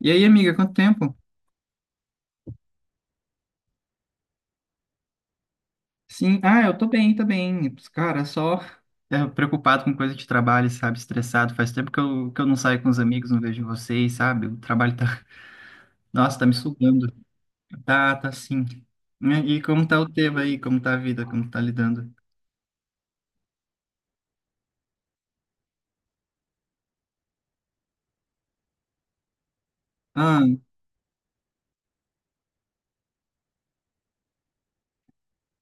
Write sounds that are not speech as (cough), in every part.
E aí, amiga, quanto tempo? Sim, eu tô bem, tô bem. Cara, só preocupado com coisa de trabalho, sabe? Estressado. Faz tempo que eu não saio com os amigos, não vejo vocês, sabe? O trabalho tá, (laughs) nossa, tá me sugando. Tá, tá sim. E como tá o tema aí? Como tá a vida? Como tá lidando? Ah,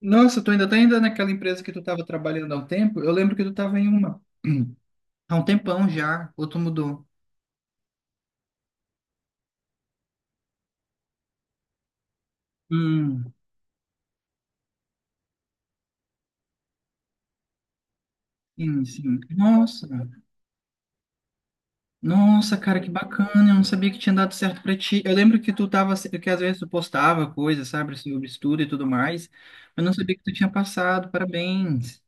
nossa, tu ainda tá ainda naquela empresa que tu tava trabalhando há um tempo? Eu lembro que tu tava em uma (clears throat) há um tempão já, ou tu mudou? Hum, sim, sim. Nossa. Nossa, cara, que bacana. Eu não sabia que tinha dado certo pra ti. Eu lembro que tu tava, que às vezes tu postava coisas, sabe, sobre estudo e tudo mais. Eu não sabia que tu tinha passado. Parabéns.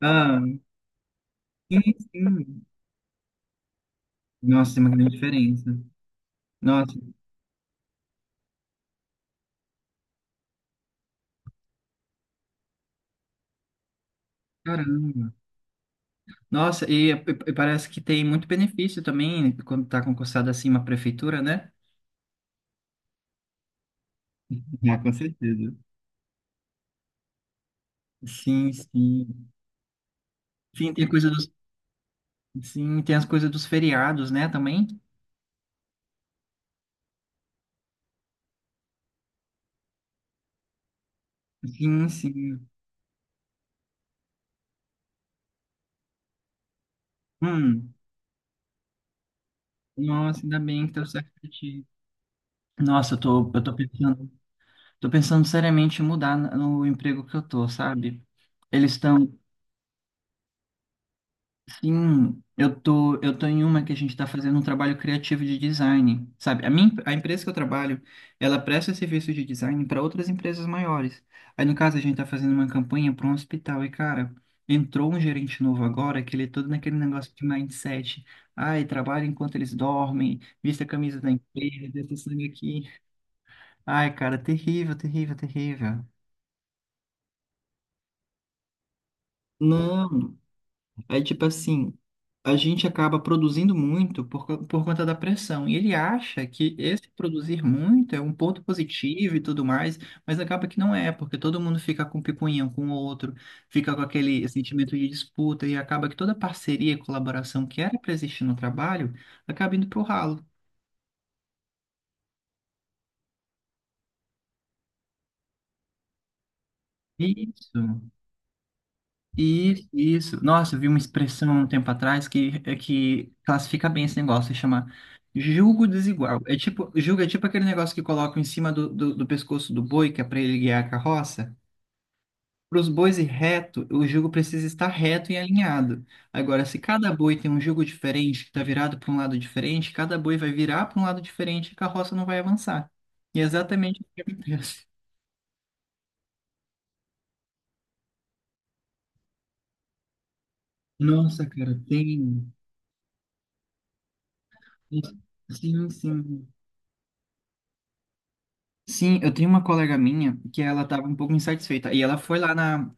Ah, sim, sim. Nossa, tem uma grande diferença. Nossa, caramba. Nossa, e parece que tem muito benefício também, né, quando tá concursado assim uma prefeitura, né? Ah, com certeza. Sim, sim. Sim, tem a coisa dos, sim, tem as coisas dos feriados, né, também? Sim, sim. Hum. Nossa, ainda bem que deu certo pra ti. Nossa, eu tô pensando, tô pensando seriamente em mudar no emprego que eu tô, sabe? Eles estão, sim, eu tô em uma que a gente tá fazendo um trabalho criativo de design, sabe? A empresa que eu trabalho, ela presta serviço de design para outras empresas maiores. Aí, no caso, a gente tá fazendo uma campanha para um hospital e, cara, entrou um gerente novo agora que ele é todo naquele negócio de mindset. Ai, trabalha enquanto eles dormem, vista a camisa da empresa, desse sangue aqui. Ai, cara, terrível, terrível, terrível. Não, é tipo assim, a gente acaba produzindo muito por conta da pressão. E ele acha que esse produzir muito é um ponto positivo e tudo mais, mas acaba que não é, porque todo mundo fica com picuinha um com o outro, fica com aquele sentimento de disputa e acaba que toda parceria e colaboração que era para existir no trabalho acaba indo pro ralo. Isso. Isso, isso. Nossa, eu vi uma expressão um tempo atrás que, é que classifica bem esse negócio, se chama julgo desigual. É tipo, julgo é tipo aquele negócio que colocam em cima do pescoço do boi, que é para ele guiar a carroça. Para os bois ir reto, o jugo precisa estar reto e alinhado. Agora, se cada boi tem um jugo diferente, que está virado para um lado diferente, cada boi vai virar para um lado diferente e a carroça não vai avançar. E é exatamente o que acontece. Nossa, cara, tem. Sim, sim. Sim, eu tenho uma colega minha que ela estava um pouco insatisfeita e ela foi lá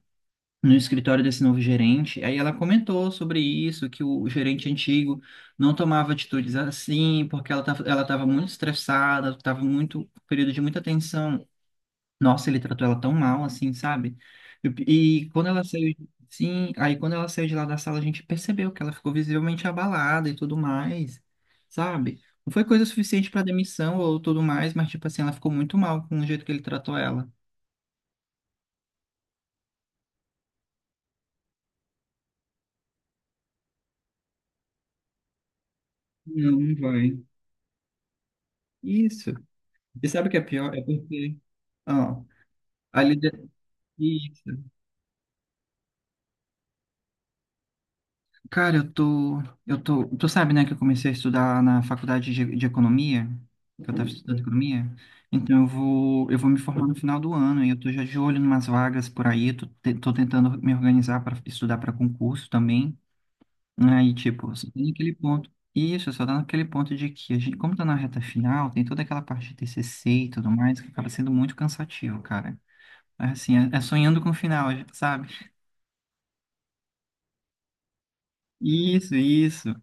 no escritório desse novo gerente, aí ela comentou sobre isso, que o gerente antigo não tomava atitudes assim, porque ela estava muito estressada, estava muito, período de muita tensão. Nossa, ele tratou ela tão mal, assim, sabe? E quando ela saiu, sim, aí quando ela saiu de lá da sala, a gente percebeu que ela ficou visivelmente abalada e tudo mais, sabe? Não foi coisa suficiente para demissão ou tudo mais, mas, tipo assim, ela ficou muito mal com o jeito que ele tratou ela. Não, não vai. Isso. E sabe o que é pior? É porque, ó, a líder... Cara, tu sabe, né, que eu comecei a estudar na faculdade de economia, que eu tava estudando economia. Então eu vou me formar no final do ano e eu tô já de olho em umas vagas por aí, tô tentando me organizar para estudar para concurso também, aí tipo, só tem aquele ponto. Isso, só tá naquele ponto de que a gente, como tá na reta final, tem toda aquela parte de TCC e tudo mais que acaba sendo muito cansativo, cara. Assim, é, é sonhando com o final, sabe? Isso, isso.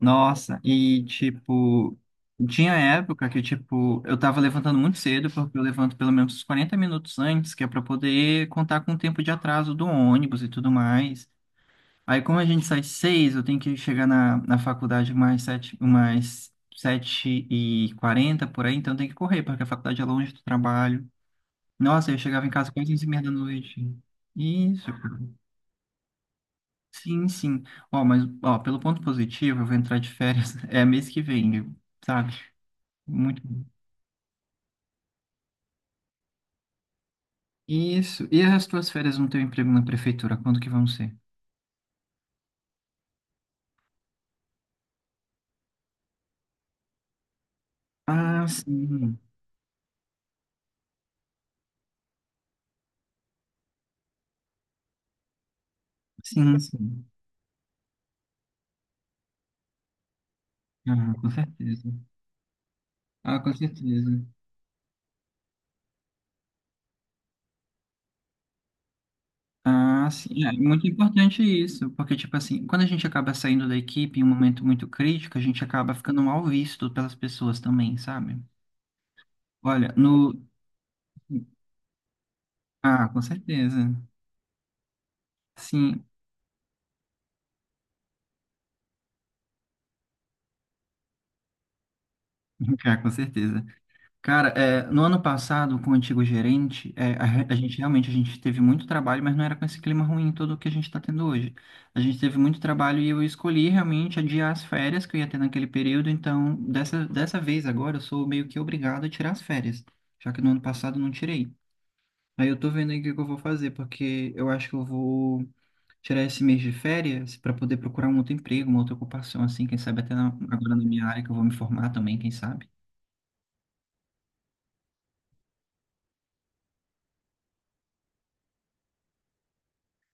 Nossa, e tipo, tinha época que tipo, eu tava levantando muito cedo, porque eu levanto pelo menos uns 40 minutos antes, que é pra poder contar com o tempo de atraso do ônibus e tudo mais. Aí como a gente sai 6, eu tenho que chegar na faculdade mais 7:40 por aí, então tem que correr, porque a faculdade é longe do trabalho. Nossa, eu chegava em casa quase 11:30 da noite. Isso. Sim, sim. Ó, mas ó, pelo ponto positivo, eu vou entrar de férias, (laughs) é mês que vem, sabe? Muito bom. Isso. E as tuas férias no teu emprego na prefeitura, quando que vão ser? Ah, sim. Sim, sim. Ah, com certeza. Ah, com certeza. Ah, sim. É muito importante isso, porque, tipo assim, quando a gente acaba saindo da equipe em um momento muito crítico, a gente acaba ficando mal visto pelas pessoas também, sabe? Olha, no. Ah, com certeza. Sim. (laughs) Ah, com certeza. Cara, é, no ano passado, com o antigo gerente, é, a, re- a gente realmente a gente teve muito trabalho, mas não era com esse clima ruim todo que a gente está tendo hoje. A gente teve muito trabalho e eu escolhi realmente adiar as férias que eu ia ter naquele período, então dessa vez agora eu sou meio que obrigado a tirar as férias, já que no ano passado eu não tirei. Aí eu tô vendo aí o que que eu vou fazer, porque eu acho que eu vou tirar esse mês de férias para poder procurar um outro emprego, uma outra ocupação, assim, quem sabe até na- agora na minha área que eu vou me formar também, quem sabe.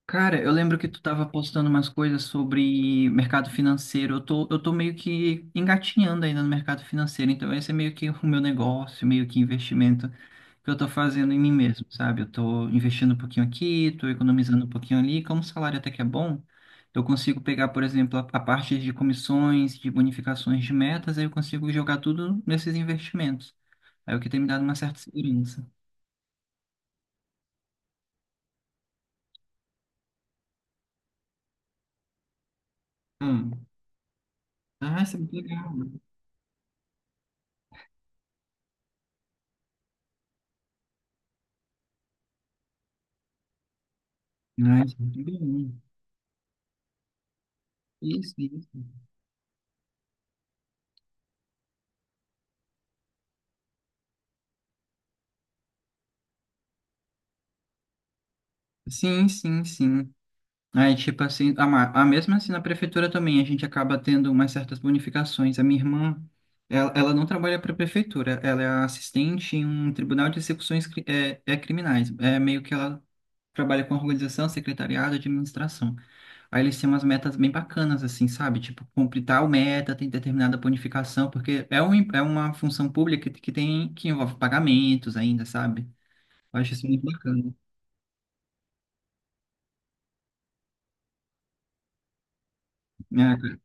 Cara, eu lembro que tu tava postando umas coisas sobre mercado financeiro. Eu tô meio que engatinhando ainda no mercado financeiro, então esse é meio que o meu negócio, meio que investimento que eu tô fazendo em mim mesmo, sabe? Eu tô investindo um pouquinho aqui, tô economizando um pouquinho ali. Como o salário até que é bom, eu consigo pegar, por exemplo, a parte de comissões, de bonificações de metas, aí eu consigo jogar tudo nesses investimentos. Aí o que tem me dado uma certa segurança. Hum. Ah, isso é muito legal. Ah, isso é muito bom. Isso, isso. Sim, sim, sim. Aí, tipo assim, a mesma assim na prefeitura também, a gente acaba tendo umas certas bonificações. A minha irmã, ela não trabalha para a prefeitura, ela é assistente em um tribunal de execuções criminais. É meio que ela trabalha com organização, secretariado, administração. Aí eles têm umas metas bem bacanas, assim, sabe? Tipo, cumprir tal meta, tem determinada bonificação, porque é uma função pública que tem, que envolve pagamentos ainda, sabe? Eu acho isso muito bacana. É,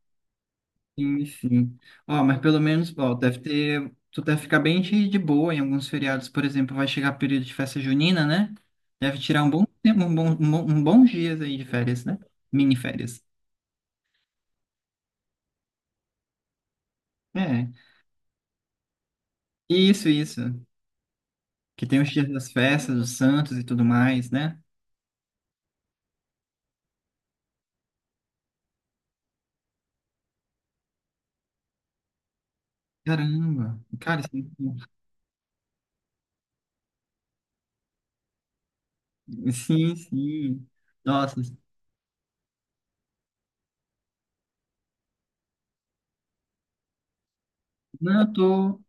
sim, sim. Ó, mas pelo menos, ó, deve ter. Tu deve ficar bem de boa em alguns feriados, por exemplo, vai chegar período de festa junina, né? Deve tirar um bom tempo, um bons dias aí de férias, né? Mini férias. É. Isso, isso. Que tem os dias das festas, dos santos e tudo mais, né? Caramba. Cara, sim, sim, sim. Nossa. Não, eu tô,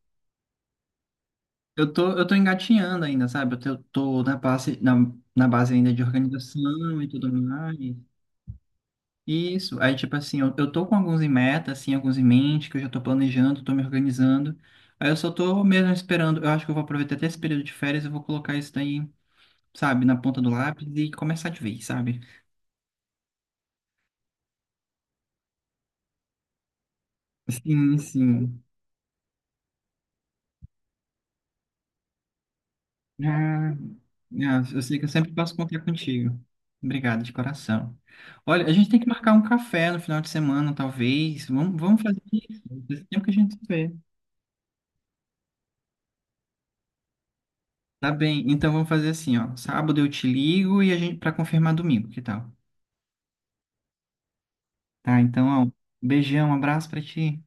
eu tô, eu tô engatinhando ainda, sabe? Eu tô na base, na base ainda de organização e tudo mais. Isso, aí tipo assim, eu tô com alguns em meta, assim, alguns em mente, que eu já tô planejando, tô me organizando. Aí eu só tô mesmo esperando, eu acho que eu vou aproveitar até esse período de férias, eu vou colocar isso daí, sabe, na ponta do lápis e começar de vez, sabe? Sim, sim. Ah, ah, eu sei que eu sempre posso contar contigo. Obrigado, de coração. Olha, a gente tem que marcar um café no final de semana, talvez. Vamos, vamos fazer isso. Esse tempo que a gente se vê. Tá bem, então vamos fazer assim, ó. Sábado eu te ligo e a gente para confirmar domingo, que tal? Tá, então, ó, um beijão, um abraço pra ti.